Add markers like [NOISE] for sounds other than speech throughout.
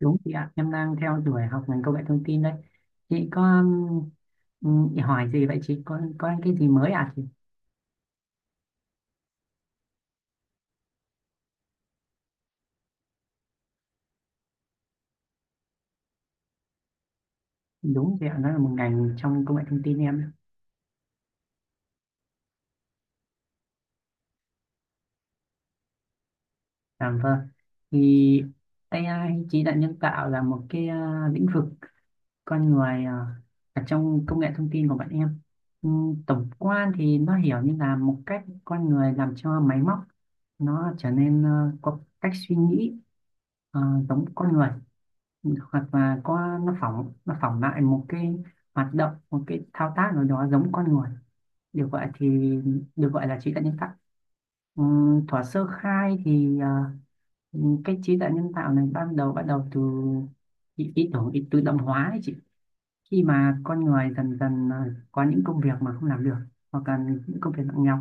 Đúng chị ạ, em đang theo đuổi học ngành công nghệ thông tin đấy. Chị có chị hỏi gì vậy chị? Có cái gì mới à chị? Đúng chị ạ, nó là một ngành trong công nghệ thông tin em đấy. À vâng. Thì AI trí tuệ nhân tạo là một cái lĩnh vực con người ở trong công nghệ thông tin của bọn em. Tổng quan thì nó hiểu như là một cách con người làm cho máy móc nó trở nên có cách suy nghĩ ờ, giống con người, hoặc là có nó phỏng lại một cái hoạt động, một cái thao tác nào đó giống con người, được gọi thì được gọi là trí tuệ nhân tạo. Thuở sơ khai thì cái trí tuệ nhân tạo này ban đầu bắt đầu từ ý tưởng ý tự động hóa ấy chị, khi mà con người dần dần có những công việc mà không làm được, hoặc là những công việc nặng nhọc,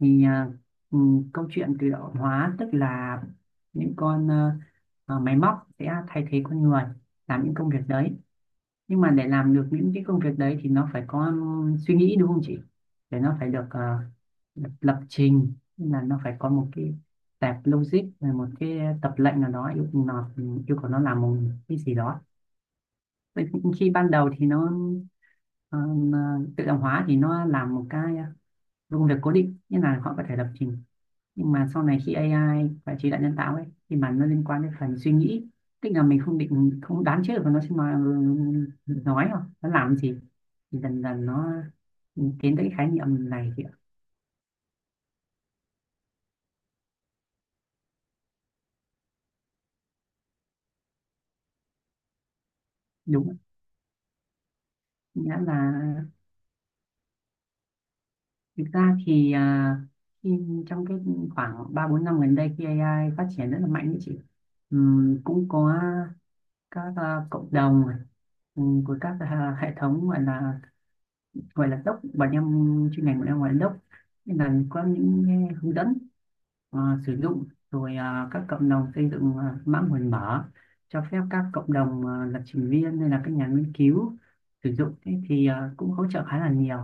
thì ừ, câu chuyện tự động hóa tức là những máy móc sẽ thay thế con người làm những công việc đấy. Nhưng mà để làm được những cái công việc đấy thì nó phải có suy nghĩ đúng không chị, để nó phải được lập trình. Tức là nó phải có một cái tệp logic, rồi một cái tập lệnh nào đó yêu nó, yêu cầu nó làm một cái gì đó. Vậy thì khi ban đầu thì nó ờ, tự động hóa thì nó làm một cái công việc cố định như là họ có thể lập trình, nhưng mà sau này khi AI và trí tuệ nhân tạo ấy thì mà nó liên quan đến phần suy nghĩ, tức là mình không đoán trước và nó sẽ nói không nó làm gì, thì dần dần nó tiến tới cái khái niệm này thì đúng, nghĩa là thực ra thì trong cái khoảng 3 4 năm gần đây khi AI phát triển rất là mạnh ấy chị. Cũng có các cộng đồng, của các hệ thống gọi là, gọi là doc bọn em, chuyên ngành bọn em gọi là doc, nên là có những cái hướng dẫn à, sử dụng, rồi các cộng đồng xây dựng mã nguồn mở cho phép các cộng đồng lập trình viên hay là các nhà nghiên cứu sử dụng. Thế thì cũng hỗ trợ khá là nhiều.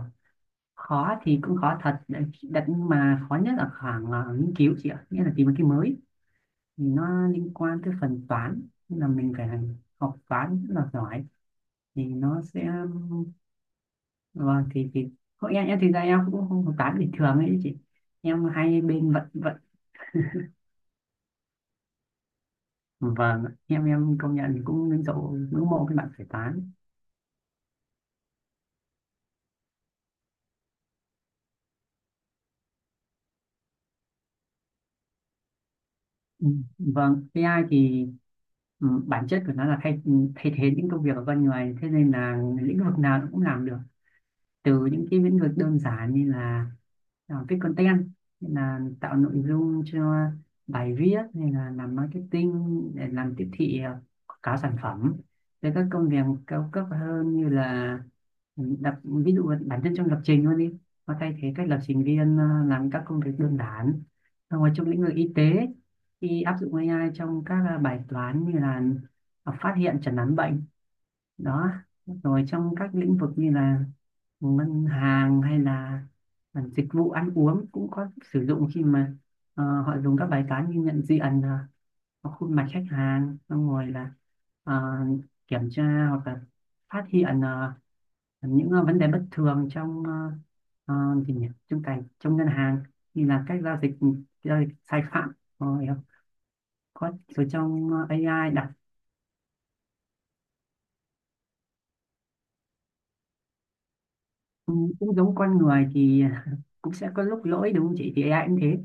Khó thì cũng khó thật đấy, đặt nhưng mà khó nhất là khoảng nghiên cứu chị ạ, nghĩa là tìm một cái mới thì nó liên quan tới phần toán, nên là mình phải học toán rất là giỏi thì nó sẽ, vâng thì hội em thực ra em cũng không hợp tán bình thường ấy chị, em hai bên vận vận. Vâng em công nhận, cũng ngưỡng mộ cái bạn phải tán. Ừ. Vâng AI thì, bản chất của nó là thay thay thế những công việc ở bên ngoài, thế nên là lĩnh vực nào nó cũng làm được, từ những cái lĩnh vực đơn giản như là viết content, như là tạo nội dung cho bài viết, hay là làm marketing để làm tiếp thị, quảng cáo sản phẩm, tới các công việc cao cấp hơn như là lập, ví dụ bản thân trong lập trình luôn đi, nó thay thế các lập trình viên làm các công việc đơn giản, ngoài trong lĩnh vực y tế thì áp dụng AI trong các bài toán như là phát hiện chẩn đoán bệnh đó, rồi trong các lĩnh vực như là ngân hàng, hay là dịch vụ ăn uống cũng có sử dụng, khi mà họ dùng các bài toán như nhận diện khuôn mặt khách hàng, xong rồi là ờ, kiểm tra hoặc là phát hiện vấn đề bất thường trong gì nhỉ, trong trong ngân hàng như là các giao dịch sai phạm, rồi có, rồi trong a i đặt. Ừ, cũng giống con người thì [LAUGHS] cũng sẽ có lúc lỗi đúng không chị, thì ai cũng thế.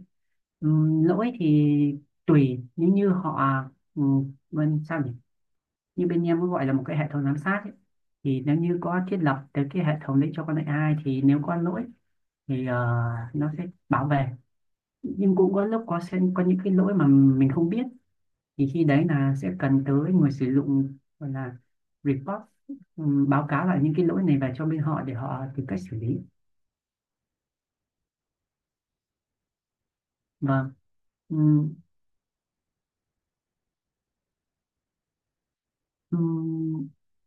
Lỗi thì tùy, nếu như họ, ừ, bên sao nhỉ, như bên em có gọi là một cái hệ thống giám sát ấy. Thì nếu như có thiết lập tới cái hệ thống đấy cho con AI thì nếu có lỗi thì nó sẽ bảo vệ. Nhưng cũng có lúc sẽ có những cái lỗi mà mình không biết, thì khi đấy là sẽ cần tới người sử dụng gọi là report, báo cáo lại những cái lỗi này về cho bên họ để họ tìm cách xử lý. Và ừ, ừ,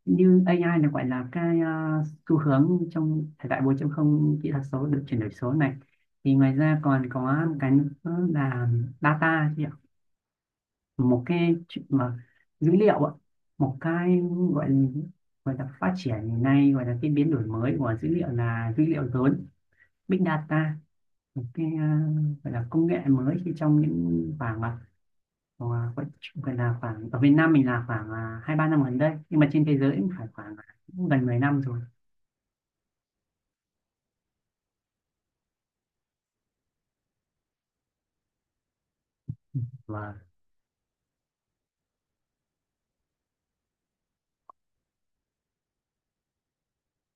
như AI là gọi là cái xu hướng trong thời đại 4 không kỹ thuật số được chuyển đổi số này, thì ngoài ra còn có một cái nữa là data chị ạ, một cái chuyện mà dữ liệu ạ, một cái gọi là, gọi là phát triển ngày nay, gọi là cái biến đổi mới của dữ liệu là dữ liệu lớn, big data, một cái gọi là công nghệ mới khi trong những khoảng, ờ, vẫn chung gần là khoảng ở Việt Nam mình là khoảng 2 3 năm gần đây, nhưng mà trên thế giới cũng phải khoảng cũng gần 10 năm rồi. Vâng,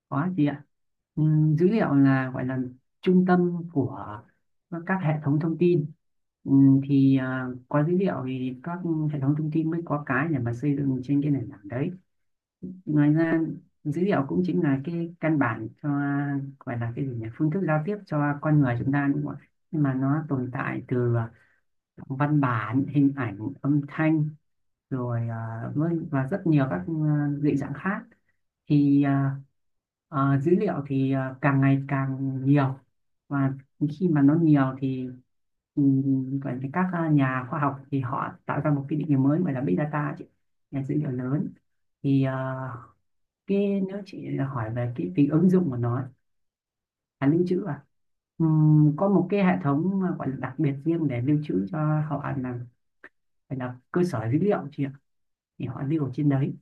có chị ạ. Dữ liệu là gọi là trung tâm của các hệ thống thông tin. Thì có dữ liệu thì các hệ thống thông tin mới có cái để mà xây dựng trên cái nền tảng đấy. Ngoài ra dữ liệu cũng chính là cái căn bản cho gọi là cái gì nhỉ, phương thức giao tiếp cho con người chúng ta đúng không ạ, nhưng mà nó tồn tại từ văn bản, hình ảnh, âm thanh, rồi và rất nhiều các dị dạng khác. Thì dữ liệu thì càng ngày càng nhiều, và khi mà nó nhiều thì, gọi là các nhà khoa học thì họ tạo ra một cái định nghĩa mới gọi là big data chị, nhà dữ liệu lớn. Thì cái nếu chị hỏi về cái tính ứng dụng của nó, là lưu trữ à. Có một cái hệ thống mà gọi là đặc biệt riêng để lưu trữ cho họ, là phải là cơ sở dữ liệu chị ạ. Thì họ lưu ở trên đấy.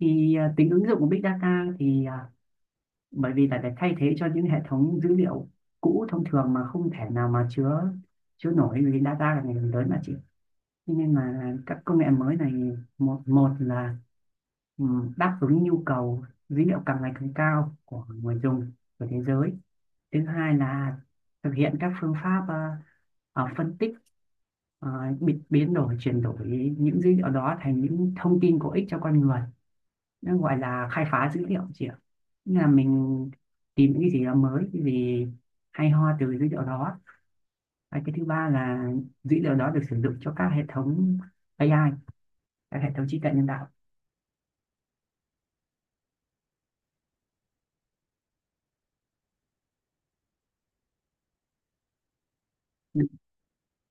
Thì tính ứng dụng của Big Data thì bởi vì là để thay thế cho những hệ thống dữ liệu cũ thông thường mà không thể nào mà chứa chứa nổi, vì data là ngày càng lớn mà chị. Thế nên là các công nghệ mới này, một một là ừ, đáp ứng nhu cầu dữ liệu càng ngày càng cao của người dùng, của thế giới. Thứ hai là thực hiện các phương pháp phân tích, ờ, biến đổi chuyển đổi những dữ liệu đó thành những thông tin có ích cho con người, nó gọi là khai phá dữ liệu chị ạ. Nghĩa là mình tìm những cái gì đó mới, cái gì hay ho từ dữ liệu đó. Và cái thứ ba là dữ liệu đó được sử dụng cho các hệ thống AI, các hệ thống trí tuệ nhân tạo.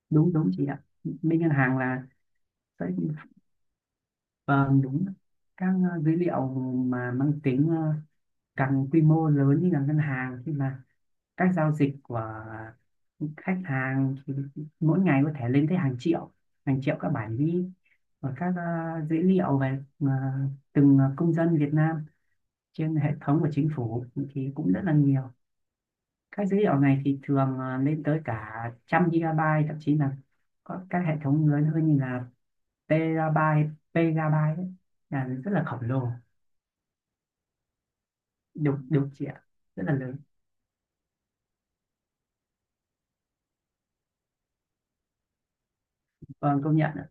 Đúng, đúng chị ạ. Bên ngân hàng là, đấy, vâng đúng, các dữ liệu mà mang tính càng quy mô lớn như là ngân hàng, khi mà các giao dịch của khách hàng thì mỗi ngày có thể lên tới hàng triệu, hàng triệu các bản ghi. Và các dữ liệu về từng công dân Việt Nam trên hệ thống của chính phủ thì cũng rất là nhiều. Các dữ liệu này thì thường lên tới cả trăm gigabyte, thậm chí là có các hệ thống lớn hơn như là terabyte, petabyte đấy, là rất là khổng lồ. Đúng, đúng chị, rất là lớn. Vâng công nhận ạ.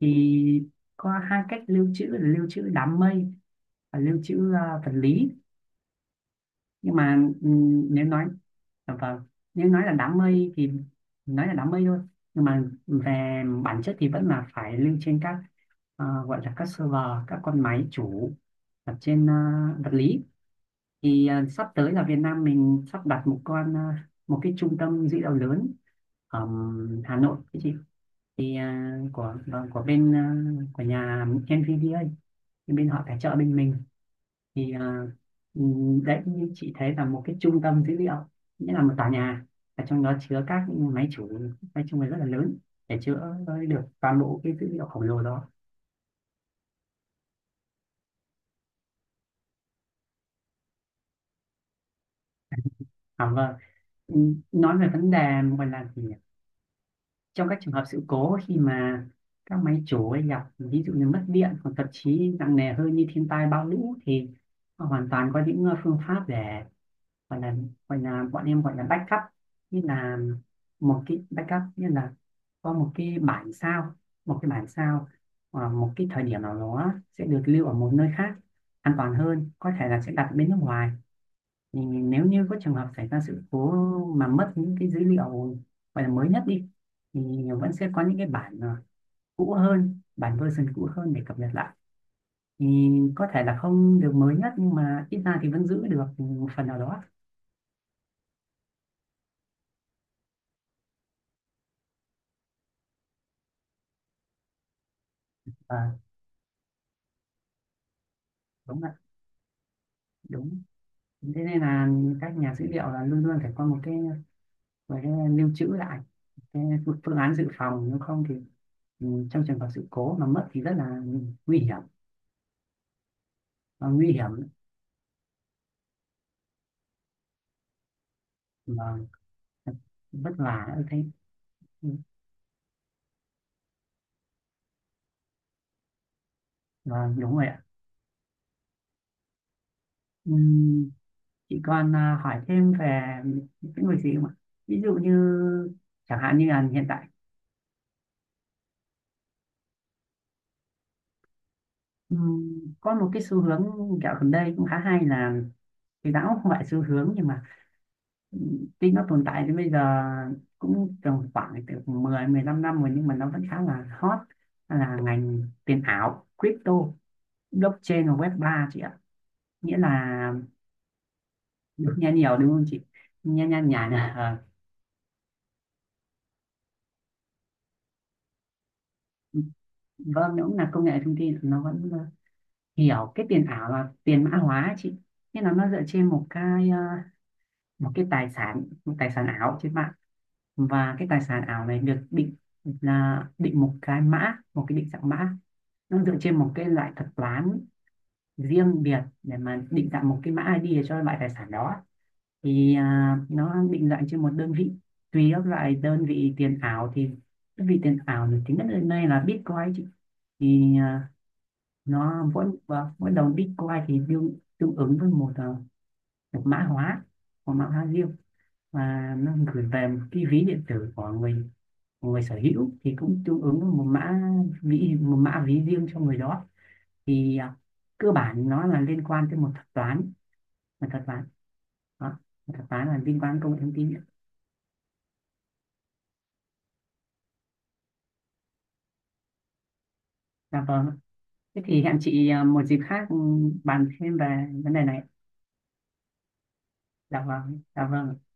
Thì có hai cách lưu trữ là lưu trữ đám mây và lưu trữ vật lý. Nhưng mà nếu nói vâng, nếu nói là đám mây thì nói là đám mây thôi, nhưng mà về bản chất thì vẫn là phải lưu trên các gọi là các server, các con máy chủ ở trên vật lý. Thì sắp tới là Việt Nam mình sắp đặt một con một cái trung tâm dữ liệu lớn ở Hà Nội cái chị. Thì của vâng, của bên của nhà NVDA, thì bên họ tài trợ bên mình. Thì ừ, đấy, như chị thấy là một cái trung tâm dữ liệu, nghĩa là một tòa nhà và trong đó chứa các máy chủ, nói chung là rất là lớn để chữa được toàn bộ cái dữ liệu khổng lồ đó. À, vâng. Ừ, nói về vấn đề gọi là gì? Trong các trường hợp sự cố khi mà các máy chủ ấy gặp ví dụ như mất điện hoặc thậm chí nặng nề hơn như thiên tai bão lũ, thì họ hoàn toàn có những phương pháp để gọi là gọi là bọn em gọi là backup. Như là một cái backup, như là có một cái bản sao, một cái bản sao ở một cái thời điểm nào đó sẽ được lưu ở một nơi khác an toàn hơn, có thể là sẽ đặt bên nước ngoài. Thì nếu như có trường hợp xảy ra sự cố mà mất những cái dữ liệu gọi là mới nhất đi, thì vẫn sẽ có những cái bản cũ hơn, bản version cũ hơn để cập nhật lại. Thì có thể là không được mới nhất nhưng mà ít ra thì vẫn giữ được một phần nào đó. À, đúng ạ, đúng. Thế nên là các nhà dữ liệu là luôn luôn phải có một cái lưu trữ lại, cái phương phương án dự phòng, nếu không thì trong trường hợp sự cố mà mất thì rất là nguy hiểm, và nguy hiểm và vất vả nữa thế. Vâng, đúng rồi ạ. Ừm, chị còn hỏi thêm về những người gì không ạ? Ví dụ như chẳng hạn như là hiện tại có một cái xu hướng dạo gần đây cũng khá hay, là thì đã không phải xu hướng nhưng mà tuy nó tồn tại đến bây giờ cũng tầm khoảng từ 10 15 năm rồi nhưng mà nó vẫn khá là hot. Đó là ngành tiền ảo, crypto, blockchain và web ba chị ạ. Nghĩa là được nghe nhiều đúng không chị? Nha nha nhả nhả. Ờ. Vâng, đúng là công nghệ thông tin, nó vẫn hiểu cái tiền ảo là tiền mã hóa ấy chị, nghĩa là nó dựa trên một cái một cái tài sản, một tài sản ảo trên mạng, và cái tài sản ảo này được định là định một cái mã, một cái định dạng mã. Nó dựa trên một cái loại thuật toán riêng biệt để mà định dạng một cái mã ID cho loại tài sản đó. Thì nó định dạng trên một đơn vị, tùy các loại đơn vị tiền ảo, thì đơn vị tiền ảo nổi tiếng nhất hiện nay là Bitcoin chị. Thì nó mỗi và mỗi đồng Bitcoin thì tương tương ứng với một một mã hóa, một mã hóa riêng, và nó gửi về một cái ví điện tử của người, của người sở hữu thì cũng tương ứng với một mã ví, một mã ví riêng cho người đó. Thì cơ bản nó là liên quan tới một thuật toán, một thuật toán đó, một thuật toán là liên quan đến công nghệ thông tin. Dạ vâng, thế thì hẹn chị một dịp khác ừ, bàn thêm về vấn đề này. Dạ vâng, dạ vâng.